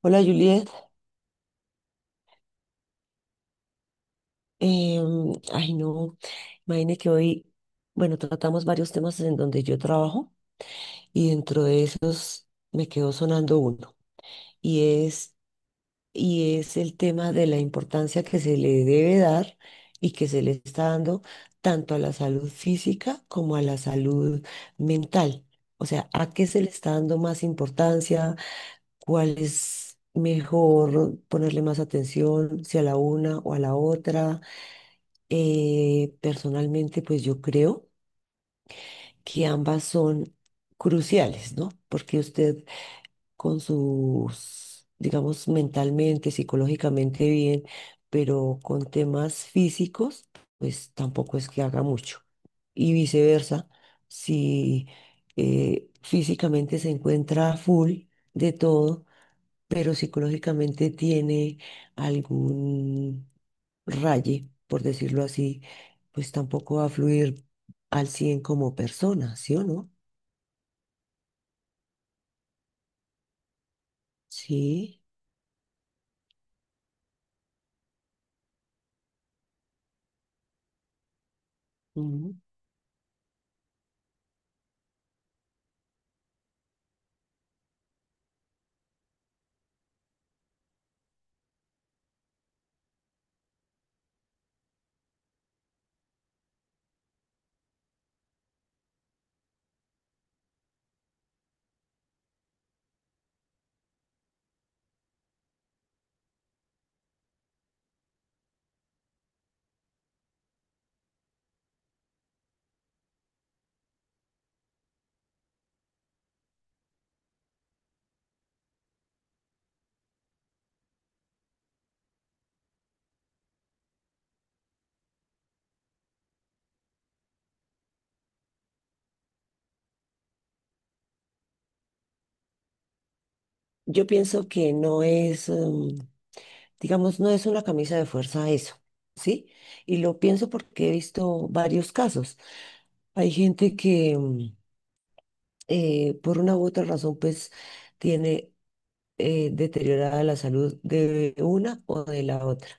Hola Juliet, ay no, imagine que hoy, bueno, tratamos varios temas en donde yo trabajo y dentro de esos me quedó sonando uno y es, y es el tema de la importancia que se le debe dar y que se le está dando tanto a la salud física como a la salud mental. O sea, ¿a qué se le está dando más importancia? ¿Cuál es mejor ponerle más atención, si a la una o a la otra? Personalmente, pues yo creo que ambas son cruciales, ¿no? Porque usted con sus, digamos, mentalmente, psicológicamente bien, pero con temas físicos, pues tampoco es que haga mucho. Y viceversa, si físicamente se encuentra full de todo, pero psicológicamente tiene algún raye, por decirlo así, pues tampoco va a fluir al 100 como persona, ¿sí o no? Sí. Mm. Yo pienso que no es, digamos, no es una camisa de fuerza eso, ¿sí? Y lo pienso porque he visto varios casos. Hay gente que por una u otra razón, pues tiene deteriorada la salud de una o de la otra.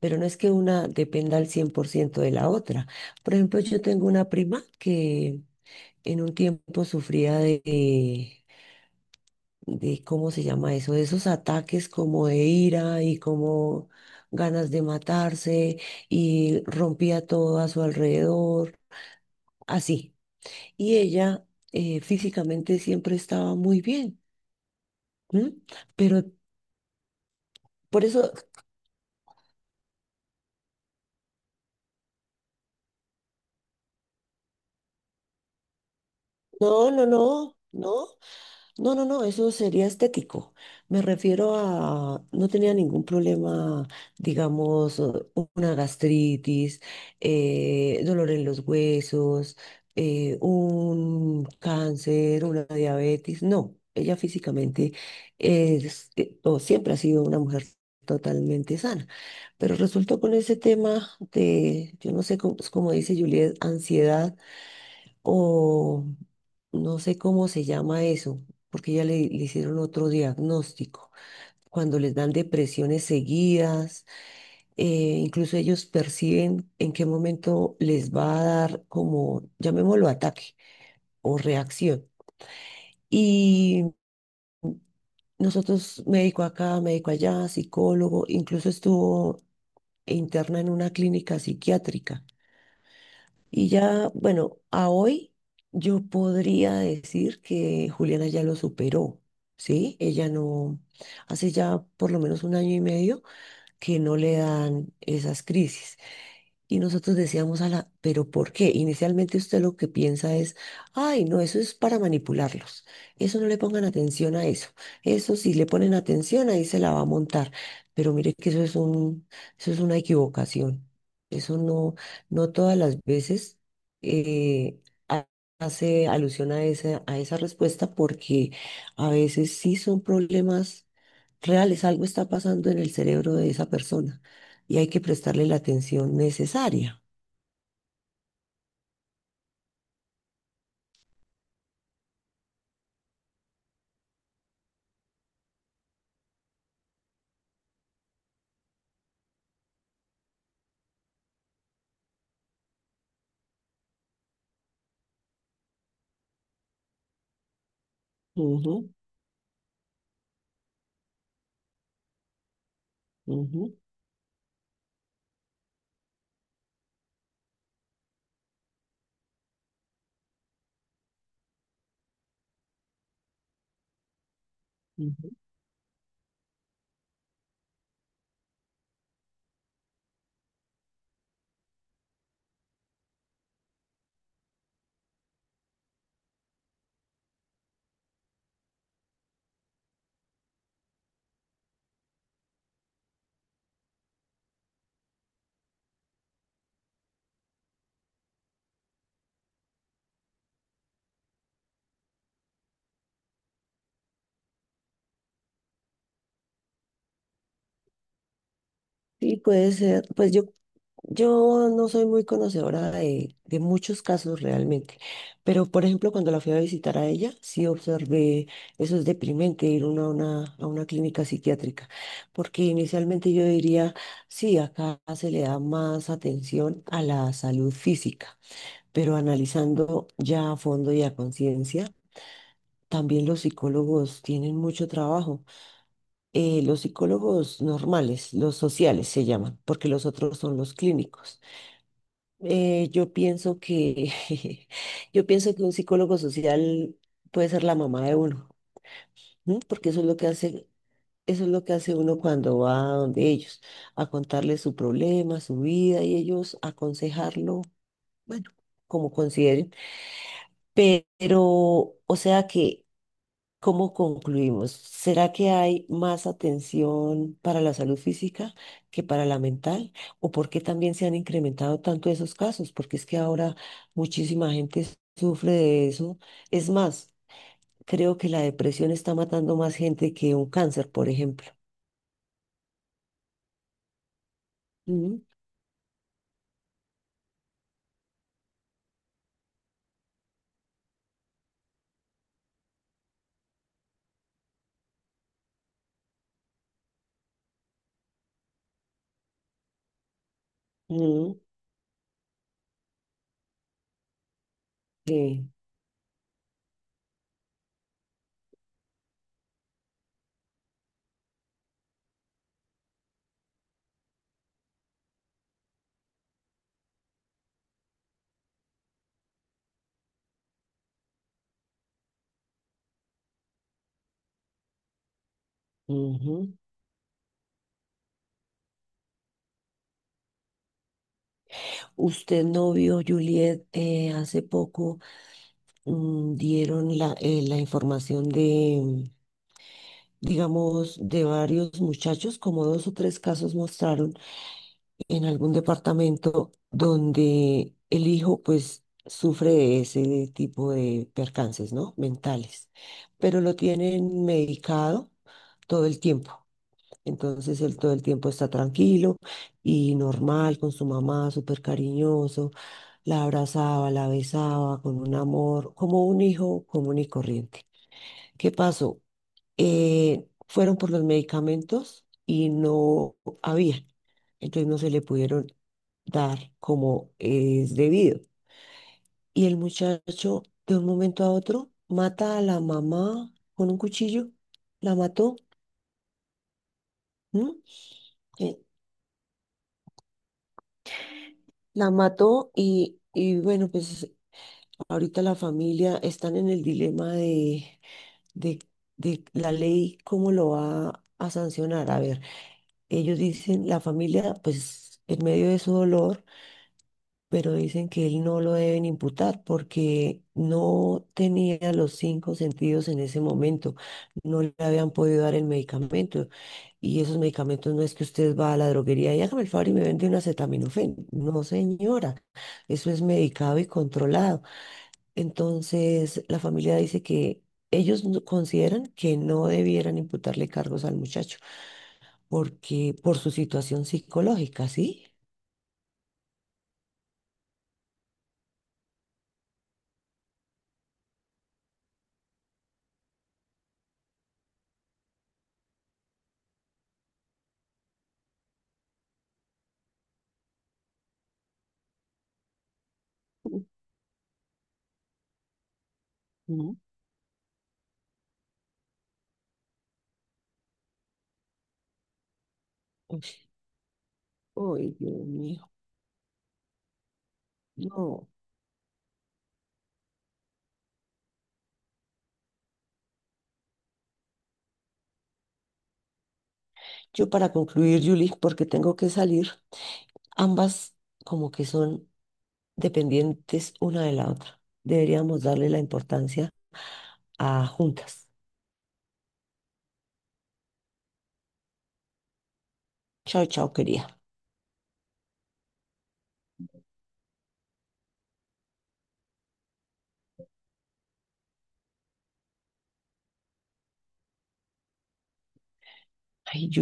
Pero no es que una dependa al 100% de la otra. Por ejemplo, yo tengo una prima que en un tiempo sufría de ¿cómo se llama eso? De esos ataques como de ira y como ganas de matarse y rompía todo a su alrededor, así. Y ella físicamente siempre estaba muy bien, ¿m? Pero por eso, no, no, no, no. No, no, no, eso sería estético. Me refiero a, no tenía ningún problema, digamos, una gastritis, dolor en los huesos, un cáncer, una diabetes. No, ella físicamente o siempre ha sido una mujer totalmente sana. Pero resultó con ese tema de, yo no sé cómo, cómo dice Juliet, ansiedad o no sé cómo se llama eso, porque ya le hicieron otro diagnóstico. Cuando les dan depresiones seguidas, eh, incluso ellos perciben en qué momento les va a dar como, llamémoslo ataque o reacción. Y nosotros, médico acá, médico allá, psicólogo, incluso estuvo interna en una clínica psiquiátrica. Y ya, bueno, a hoy yo podría decir que Juliana ya lo superó, ¿sí? Ella no, hace ya por lo menos un año y medio que no le dan esas crisis. Y nosotros decíamos a la, pero ¿por qué? Inicialmente usted lo que piensa es, ay, no, eso es para manipularlos. Eso no le pongan atención a eso. Eso si le ponen atención, ahí se la va a montar. Pero mire que eso es una equivocación. Eso no, no todas las veces eh, ha- hace alusión a a esa respuesta porque a veces sí son problemas reales. Algo está pasando en el cerebro de esa persona y hay que prestarle la atención necesaria. Ujú, ujú, ujú. Sí, puede ser, pues yo no soy muy conocedora de muchos casos realmente, pero por ejemplo cuando la fui a visitar a ella, sí observé, eso es deprimente ir uno a una clínica psiquiátrica, porque inicialmente yo diría, sí, acá se le da más atención a la salud física, pero analizando ya a fondo y a conciencia, también los psicólogos tienen mucho trabajo. Los psicólogos normales, los sociales se llaman, porque los otros son los clínicos. Yo pienso que, yo pienso que un psicólogo social puede ser la mamá de uno, ¿m? Porque eso es lo que hace, eso es lo que hace uno cuando va donde ellos, a contarles su problema, su vida y ellos aconsejarlo, bueno, como consideren. Pero, o sea que ¿cómo concluimos? ¿Será que hay más atención para la salud física que para la mental? ¿O por qué también se han incrementado tanto esos casos? Porque es que ahora muchísima gente sufre de eso. Es más, creo que la depresión está matando más gente que un cáncer, por ejemplo. Mm. Mm, sí, ujú. Usted no vio, Juliet, hace poco dieron la información de digamos, de varios muchachos, como dos o tres casos mostraron en algún departamento donde el hijo pues sufre de ese tipo de percances, ¿no? Mentales, pero lo tienen medicado todo el tiempo. Entonces él todo el tiempo está tranquilo y normal con su mamá, súper cariñoso, la abrazaba, la besaba con un amor, como un hijo común y corriente. ¿Qué pasó? Fueron por los medicamentos y no había. Entonces no se le pudieron dar como es debido. Y el muchacho de un momento a otro mata a la mamá con un cuchillo, la mató, ¿m? Eh, la mató y bueno, pues ahorita la familia están en el dilema de, de la ley, cómo lo va a sancionar. A ver, ellos dicen, la familia, pues en medio de su dolor, pero dicen que él no lo deben imputar porque no tenía los cinco sentidos en ese momento, no le habían podido dar el medicamento y esos medicamentos no es que usted va a la droguería y hágame el favor y me vende un acetaminofén. No, señora, eso es medicado y controlado. Entonces, la familia dice que ellos consideran que no debieran imputarle cargos al muchacho porque por su situación psicológica, ¿sí? Ujú. Ay, Dios mío. No. Yo para concluir, Julie, porque tengo que salir, ambas como que son dependientes una de la otra. Deberíamos darle la importancia a juntas. Chao, chao, querida. Ay, Julie.